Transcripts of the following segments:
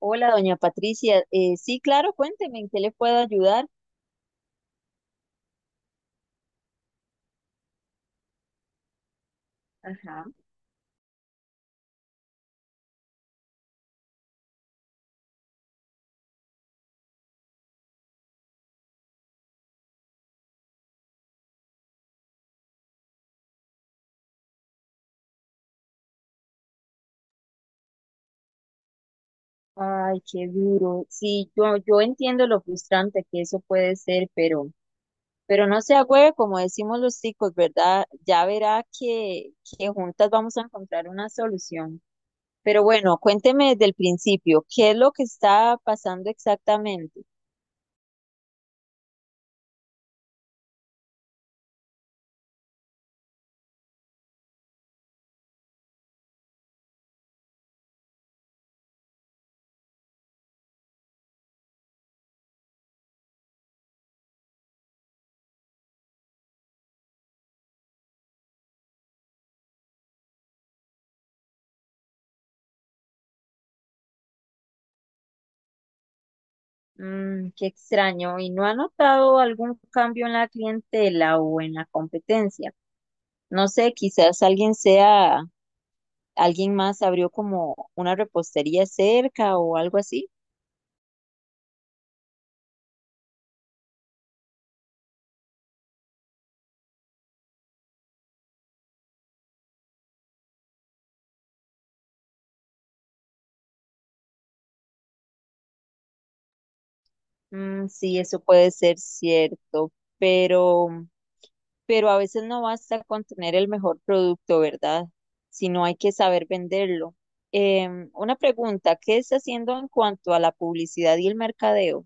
Hola, doña Patricia. Sí, claro, cuénteme, ¿en qué le puedo ayudar? Ajá. Ay, qué duro. Sí, yo entiendo lo frustrante que eso puede ser, pero no se agüe, como decimos los chicos, ¿verdad? Ya verá que juntas vamos a encontrar una solución. Pero bueno, cuénteme desde el principio, ¿qué es lo que está pasando exactamente? Mm, qué extraño. ¿Y no ha notado algún cambio en la clientela o en la competencia? No sé, alguien más abrió como una repostería cerca o algo así. Mm, sí, eso puede ser cierto, pero, pero a veces no basta con tener el mejor producto, ¿verdad? Sino hay que saber venderlo. Una pregunta, ¿qué está haciendo en cuanto a la publicidad y el mercadeo?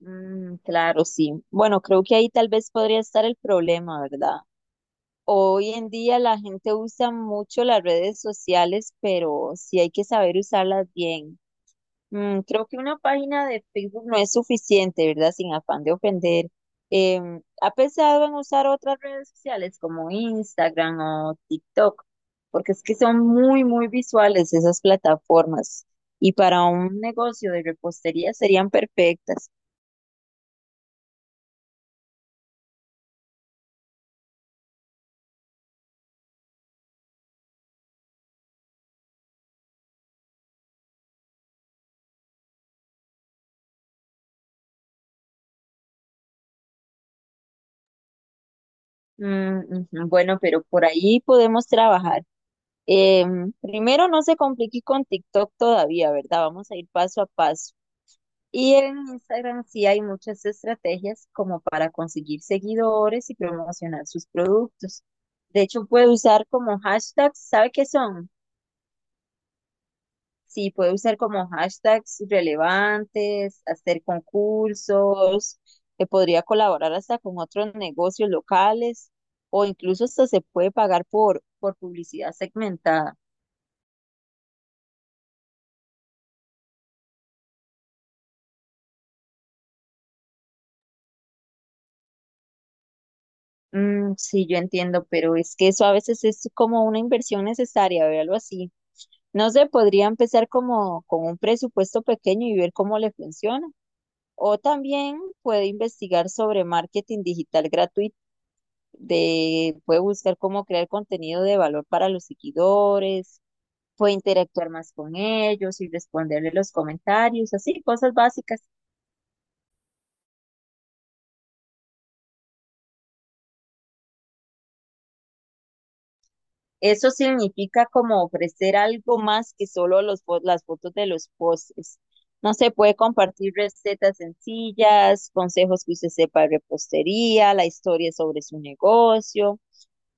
Mm, claro, sí. Bueno, creo que ahí tal vez podría estar el problema, ¿verdad? Hoy en día la gente usa mucho las redes sociales, pero sí hay que saber usarlas bien. Mm, creo que una página de Facebook no es suficiente, ¿verdad? Sin afán de ofender. ¿Ha pensado en usar otras redes sociales como Instagram o TikTok? Porque es que son muy, muy visuales esas plataformas y para un negocio de repostería serían perfectas. Mm, ujú, bueno, pero por ahí podemos trabajar. Eh, Primero, no se complique con TikTok todavía, ¿verdad? Vamos a ir paso a paso. Y en Instagram sí hay muchas estrategias como para conseguir seguidores y promocionar sus productos. De hecho, puede usar como hashtags, ¿sabe qué son? Sí, puede usar como hashtags relevantes, hacer concursos, que podría colaborar hasta con otros negocios locales o incluso hasta se puede pagar por publicidad segmentada. Mm, sí, yo entiendo, pero es que eso a veces es como una inversión necesaria, véalo así. No sé, podría empezar como con un presupuesto pequeño y ver cómo le funciona. O también puede investigar sobre marketing digital gratuito, puede buscar cómo crear contenido de valor para los seguidores, puede interactuar más con ellos y responderle los comentarios, así, cosas básicas. Eso significa como ofrecer algo más que solo las fotos de los postres. No se puede compartir recetas sencillas, consejos que usted sepa de repostería, la historia sobre su negocio.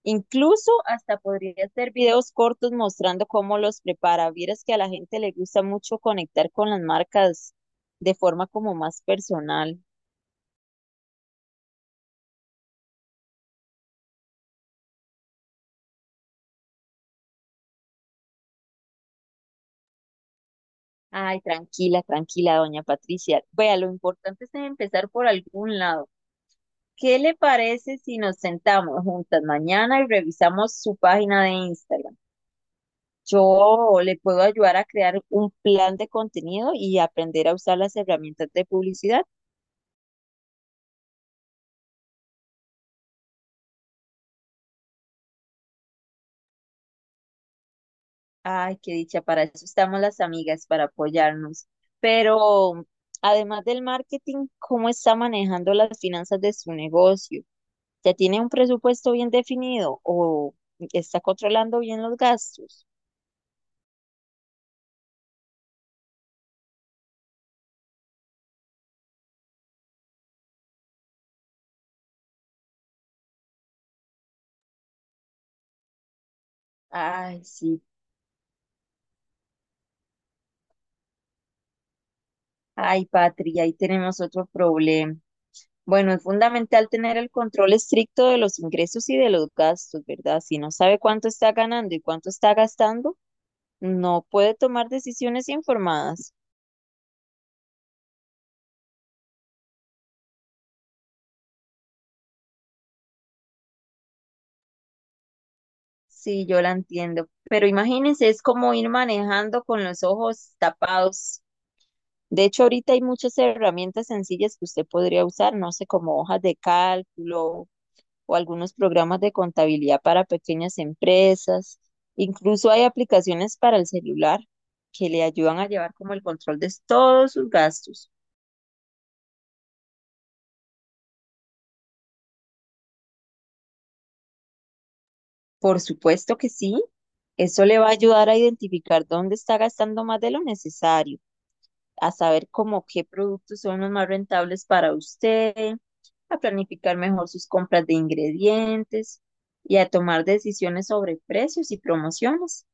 Incluso hasta podría hacer videos cortos mostrando cómo los prepara. Vieras que a la gente le gusta mucho conectar con las marcas de forma como más personal. Ay, tranquila, tranquila, doña Patricia. Vea, lo importante es empezar por algún lado. ¿Qué le parece si nos sentamos juntas mañana y revisamos su página de Instagram? Yo le puedo ayudar a crear un plan de contenido y aprender a usar las herramientas de publicidad. Ay, qué dicha, para eso estamos las amigas, para apoyarnos. Pero además del marketing, ¿cómo está manejando las finanzas de su negocio? ¿Ya tiene un presupuesto bien definido o está controlando bien los gastos? Ay, sí. Ay, Patri, ahí tenemos otro problema. Bueno, es fundamental tener el control estricto de los ingresos y de los gastos, ¿verdad? Si no sabe cuánto está ganando y cuánto está gastando, no puede tomar decisiones informadas. Sí, yo la entiendo. Pero imagínense, es como ir manejando con los ojos tapados. De hecho, ahorita hay muchas herramientas sencillas que usted podría usar, no sé, como hojas de cálculo, o algunos programas de contabilidad para pequeñas empresas. Incluso hay aplicaciones para el celular que le ayudan a llevar como el control de todos sus gastos. Por supuesto que sí, eso le va a ayudar a identificar dónde está gastando más de lo necesario, a saber cómo qué productos son los más rentables para usted, a planificar mejor sus compras de ingredientes y a tomar decisiones sobre precios y promociones.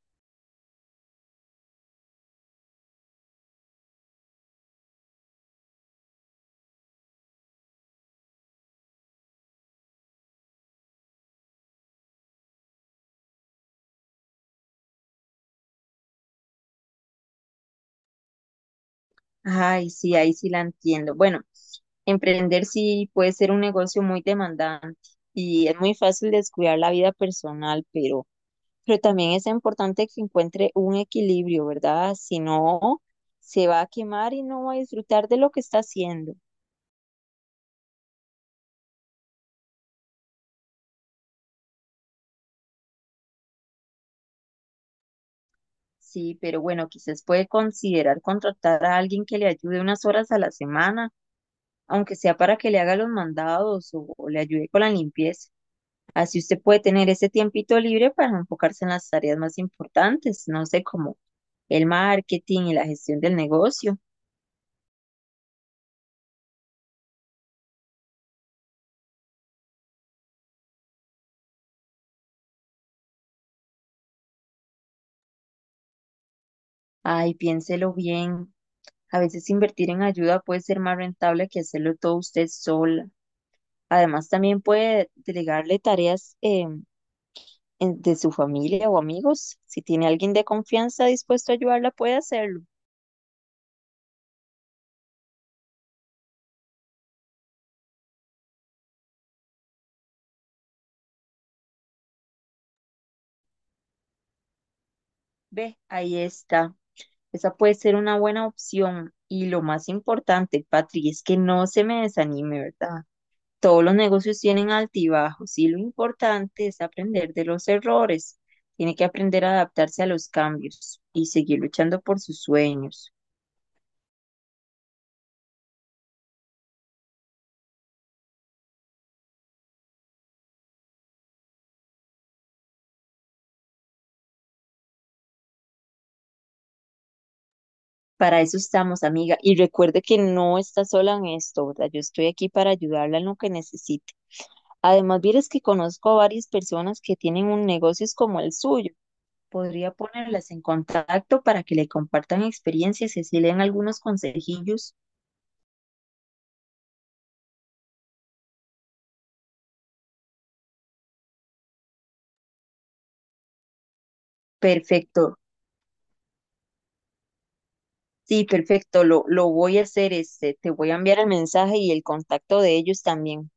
Ay, sí, ahí sí la entiendo. Bueno, emprender sí puede ser un negocio muy demandante y es muy fácil descuidar la vida personal, pero también es importante que encuentre un equilibrio, ¿verdad? Si no, se va a quemar y no va a disfrutar de lo que está haciendo. Sí, pero bueno, quizás puede considerar contratar a alguien que le ayude unas horas a la semana, aunque sea para que le haga los mandados o le ayude con la limpieza. Así usted puede tener ese tiempito libre para enfocarse en las tareas más importantes, no sé, como el marketing y la gestión del negocio. Ay, piénselo bien. A veces invertir en ayuda puede ser más rentable que hacerlo todo usted sola. Además, también puede delegarle tareas de su familia o amigos. Si tiene alguien de confianza dispuesto a ayudarla, puede hacerlo. Ve, ahí está. Esa puede ser una buena opción. Y lo más importante, Patri, es que no se me desanime, ¿verdad? Todos los negocios tienen altibajos y lo importante es aprender de los errores. Tiene que aprender a adaptarse a los cambios y seguir luchando por sus sueños. Para eso estamos, amiga. Y recuerde que no está sola en esto, ¿verdad? Yo estoy aquí para ayudarla en lo que necesite. Además, vieres que conozco a varias personas que tienen un negocios como el suyo. Podría ponerlas en contacto para que le compartan experiencias y así le den algunos consejillos. Perfecto. Sí, perfecto, lo voy a hacer, este, te voy a enviar el mensaje y el contacto de ellos también.